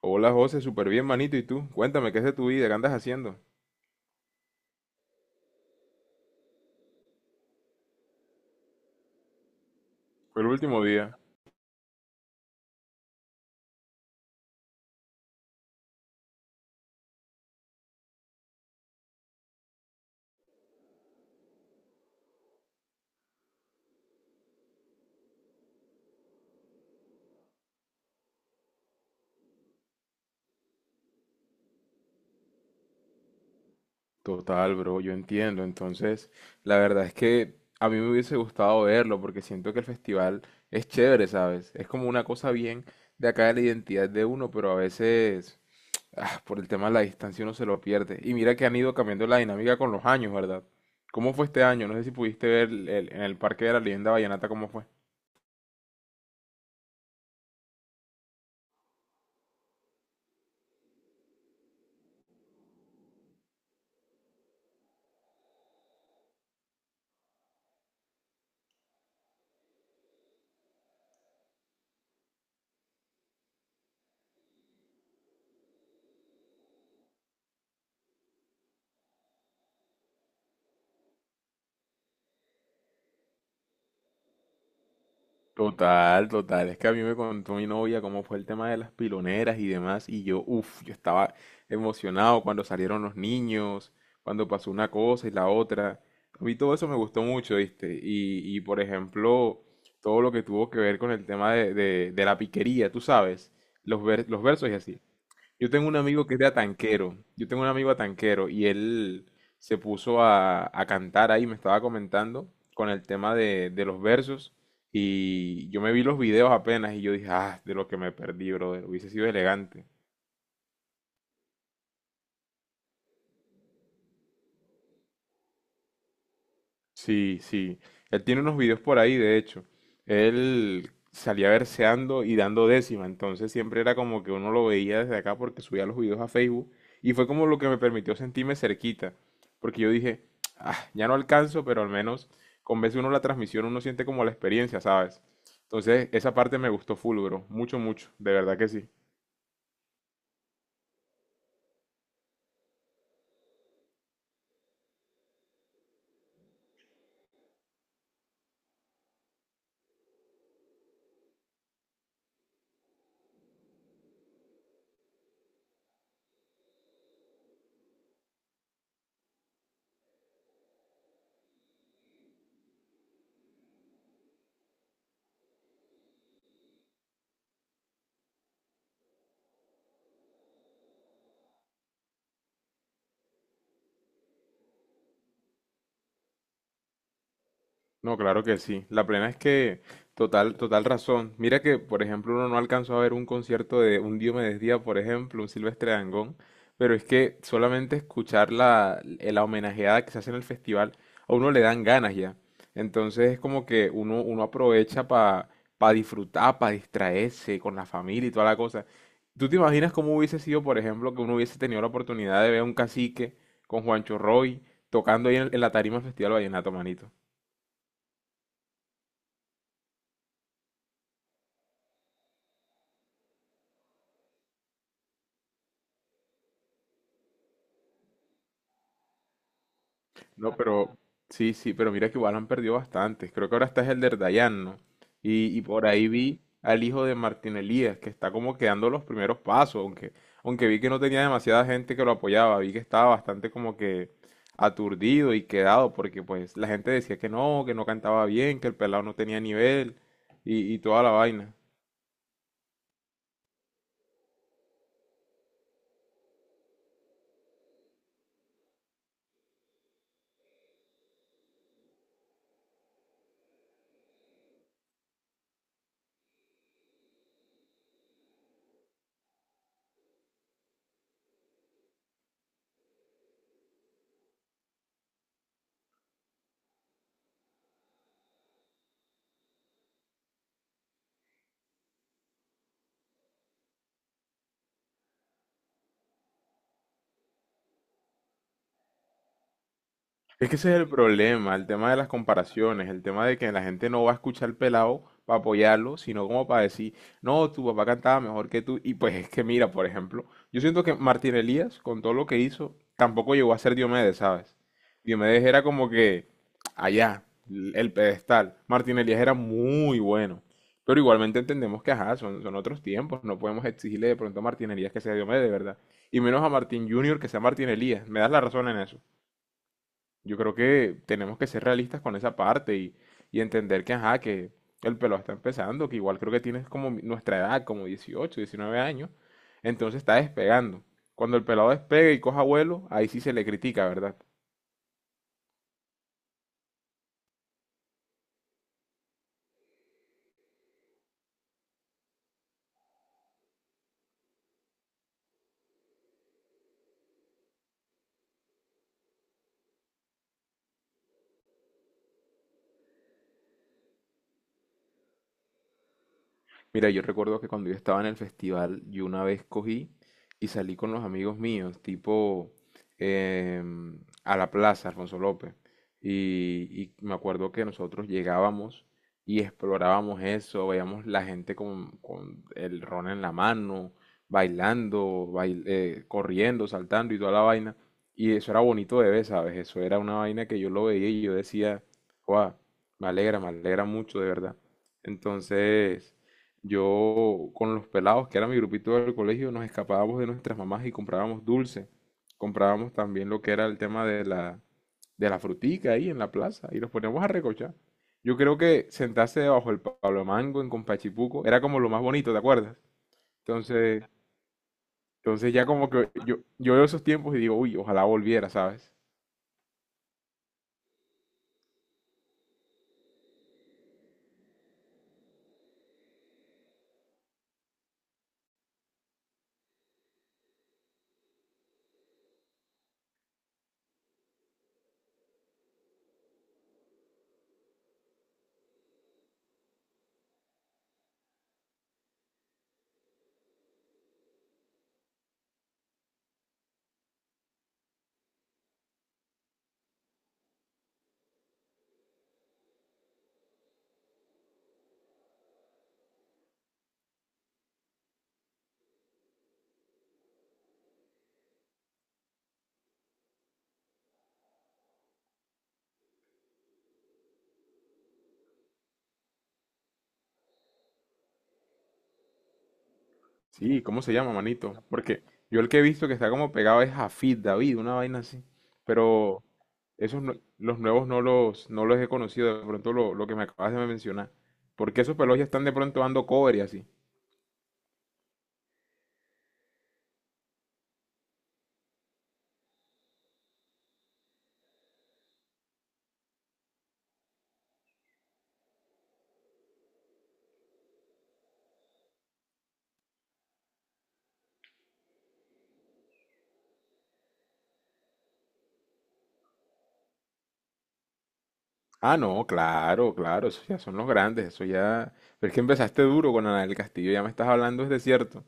Hola José, súper bien, manito. ¿Y tú? Cuéntame, ¿qué es de tu vida? ¿Qué andas haciendo? Fue el último día. Total, bro, yo entiendo. Entonces, la verdad es que a mí me hubiese gustado verlo porque siento que el festival es chévere, ¿sabes? Es como una cosa bien de acá de la identidad de uno, pero a veces, por el tema de la distancia uno se lo pierde. Y mira que han ido cambiando la dinámica con los años, ¿verdad? ¿Cómo fue este año? No sé si pudiste ver en el Parque de la Leyenda Vallenata cómo fue. Total, total. Es que a mí me contó mi novia cómo fue el tema de las piloneras y demás, y yo, uff, yo estaba emocionado cuando salieron los niños, cuando pasó una cosa y la otra. A mí todo eso me gustó mucho, ¿viste? Y por ejemplo, todo lo que tuvo que ver con el tema de la piquería, tú sabes, los versos y así. Yo tengo un amigo que es de Atanquero. Yo tengo un amigo Atanquero y él se puso a cantar ahí, me estaba comentando con el tema de los versos. Y yo me vi los videos apenas y yo dije, ah, de lo que me perdí, brother. Hubiese sido elegante. Sí, sí. Él tiene unos videos por ahí, de hecho. Él salía verseando y dando décima, entonces siempre era como que uno lo veía desde acá porque subía los videos a Facebook y fue como lo que me permitió sentirme cerquita, porque yo dije, ah, ya no alcanzo, pero al menos con veces uno la transmisión uno siente como la experiencia, ¿sabes? Entonces esa parte me gustó full, bro, mucho, mucho, de verdad que sí. No, claro que sí. La plena es que total, total razón. Mira que, por ejemplo, uno no alcanzó a ver un concierto de un Diomedes Díaz, por ejemplo, un Silvestre Dangond, pero es que solamente escuchar la homenajeada que se hace en el festival, a uno le dan ganas ya. Entonces es como que uno aprovecha para disfrutar, para distraerse con la familia y toda la cosa. ¿Tú te imaginas cómo hubiese sido, por ejemplo, que uno hubiese tenido la oportunidad de ver a un cacique con Juancho Roy tocando ahí en la tarima del Festival Vallenato, manito? No, pero sí, sí, pero mira que igual han perdido bastantes. Creo que ahora está es el de Dayan, ¿no? Y por ahí vi al hijo de Martín Elías, que está como que dando los primeros pasos, aunque, aunque vi que no tenía demasiada gente que lo apoyaba, vi que estaba bastante como que aturdido y quedado, porque pues la gente decía que no cantaba bien, que el pelado no tenía nivel y toda la vaina. Es que ese es el problema, el tema de las comparaciones, el tema de que la gente no va a escuchar al pelado para apoyarlo, sino como para decir, no, tu papá cantaba mejor que tú. Y pues es que mira, por ejemplo, yo siento que Martín Elías, con todo lo que hizo, tampoco llegó a ser Diomedes, ¿sabes? Diomedes era como que allá, el pedestal. Martín Elías era muy bueno. Pero igualmente entendemos que, ajá, son otros tiempos, no podemos exigirle de pronto a Martín Elías que sea Diomedes, ¿verdad? Y menos a Martín Junior que sea Martín Elías. Me das la razón en eso. Yo creo que tenemos que ser realistas con esa parte y entender que, ajá, que el pelo está empezando, que igual creo que tienes como nuestra edad, como 18, 19 años, entonces está despegando. Cuando el pelado despegue y coja vuelo, ahí sí se le critica, ¿verdad? Mira, yo recuerdo que cuando yo estaba en el festival, yo una vez cogí y salí con los amigos míos, tipo a la plaza, Alfonso López. Y me acuerdo que nosotros llegábamos y explorábamos eso, veíamos la gente con el ron en la mano, bailando, corriendo, saltando y toda la vaina. Y eso era bonito de ver, ¿sabes? Eso era una vaina que yo lo veía y yo decía, wow, me alegra mucho, de verdad. Entonces… Yo con los pelados, que era mi grupito del colegio, nos escapábamos de nuestras mamás y comprábamos dulce. Comprábamos también lo que era el tema de la frutica ahí en la plaza y los poníamos a recochar. Yo creo que sentarse debajo del Pablo Mango en Compachipuco era como lo más bonito, ¿te acuerdas? Entonces, entonces ya como que yo veo esos tiempos y digo, uy, ojalá volviera, ¿sabes? Sí, ¿cómo se llama, manito? Porque yo el que he visto que está como pegado es Jafid David, una vaina así. Pero esos los nuevos no los he conocido, de pronto lo que me acabas de mencionar. Porque esos pelos ya están de pronto dando cover y así. Ah, no, claro, claro, esos ya son los grandes, eso ya… Pero es que empezaste duro con Ana del Castillo, ya me estás hablando, es de cierto,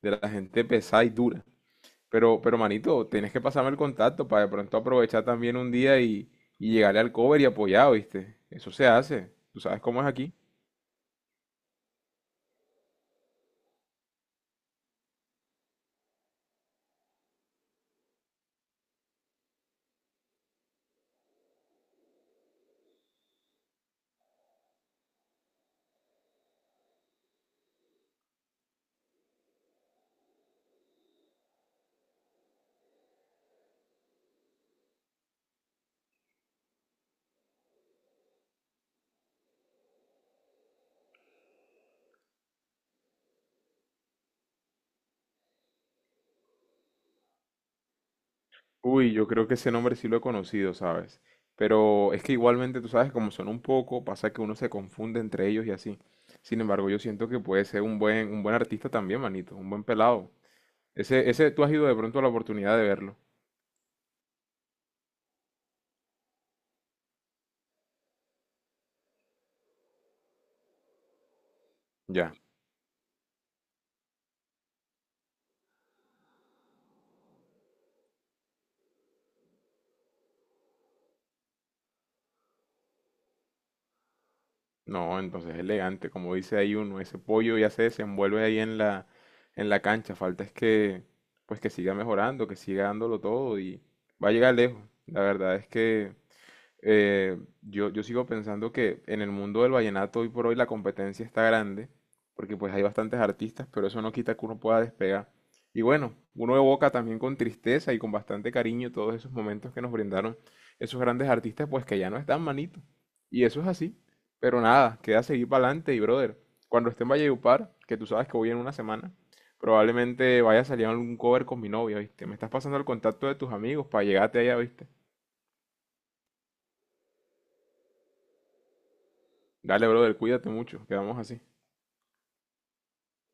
de la gente pesada y dura. Pero manito, tienes que pasarme el contacto para de pronto aprovechar también un día y llegarle al cover y apoyar, ¿viste? Eso se hace. ¿Tú sabes cómo es aquí? Uy, yo creo que ese nombre sí lo he conocido, ¿sabes? Pero es que igualmente, tú sabes, como son un poco, pasa que uno se confunde entre ellos y así. Sin embargo, yo siento que puede ser un buen artista también, manito, un buen pelado. Ese, tú has ido de pronto a la oportunidad de verlo. Ya. No, entonces elegante, como dice ahí uno, ese pollo ya se desenvuelve ahí en en la cancha, falta es que, pues que siga mejorando, que siga dándolo todo y va a llegar lejos. La verdad es que yo sigo pensando que en el mundo del vallenato hoy por hoy la competencia está grande, porque pues hay bastantes artistas, pero eso no quita que uno pueda despegar. Y bueno, uno evoca también con tristeza y con bastante cariño todos esos momentos que nos brindaron esos grandes artistas, pues que ya no están manito. Y eso es así. Pero nada, queda seguir para adelante y brother, cuando esté en Valledupar, que tú sabes que voy en una semana, probablemente vaya a salir algún cover con mi novia, ¿viste? Me estás pasando el contacto de tus amigos para llegarte allá, ¿viste? Dale, brother, cuídate mucho. Quedamos así.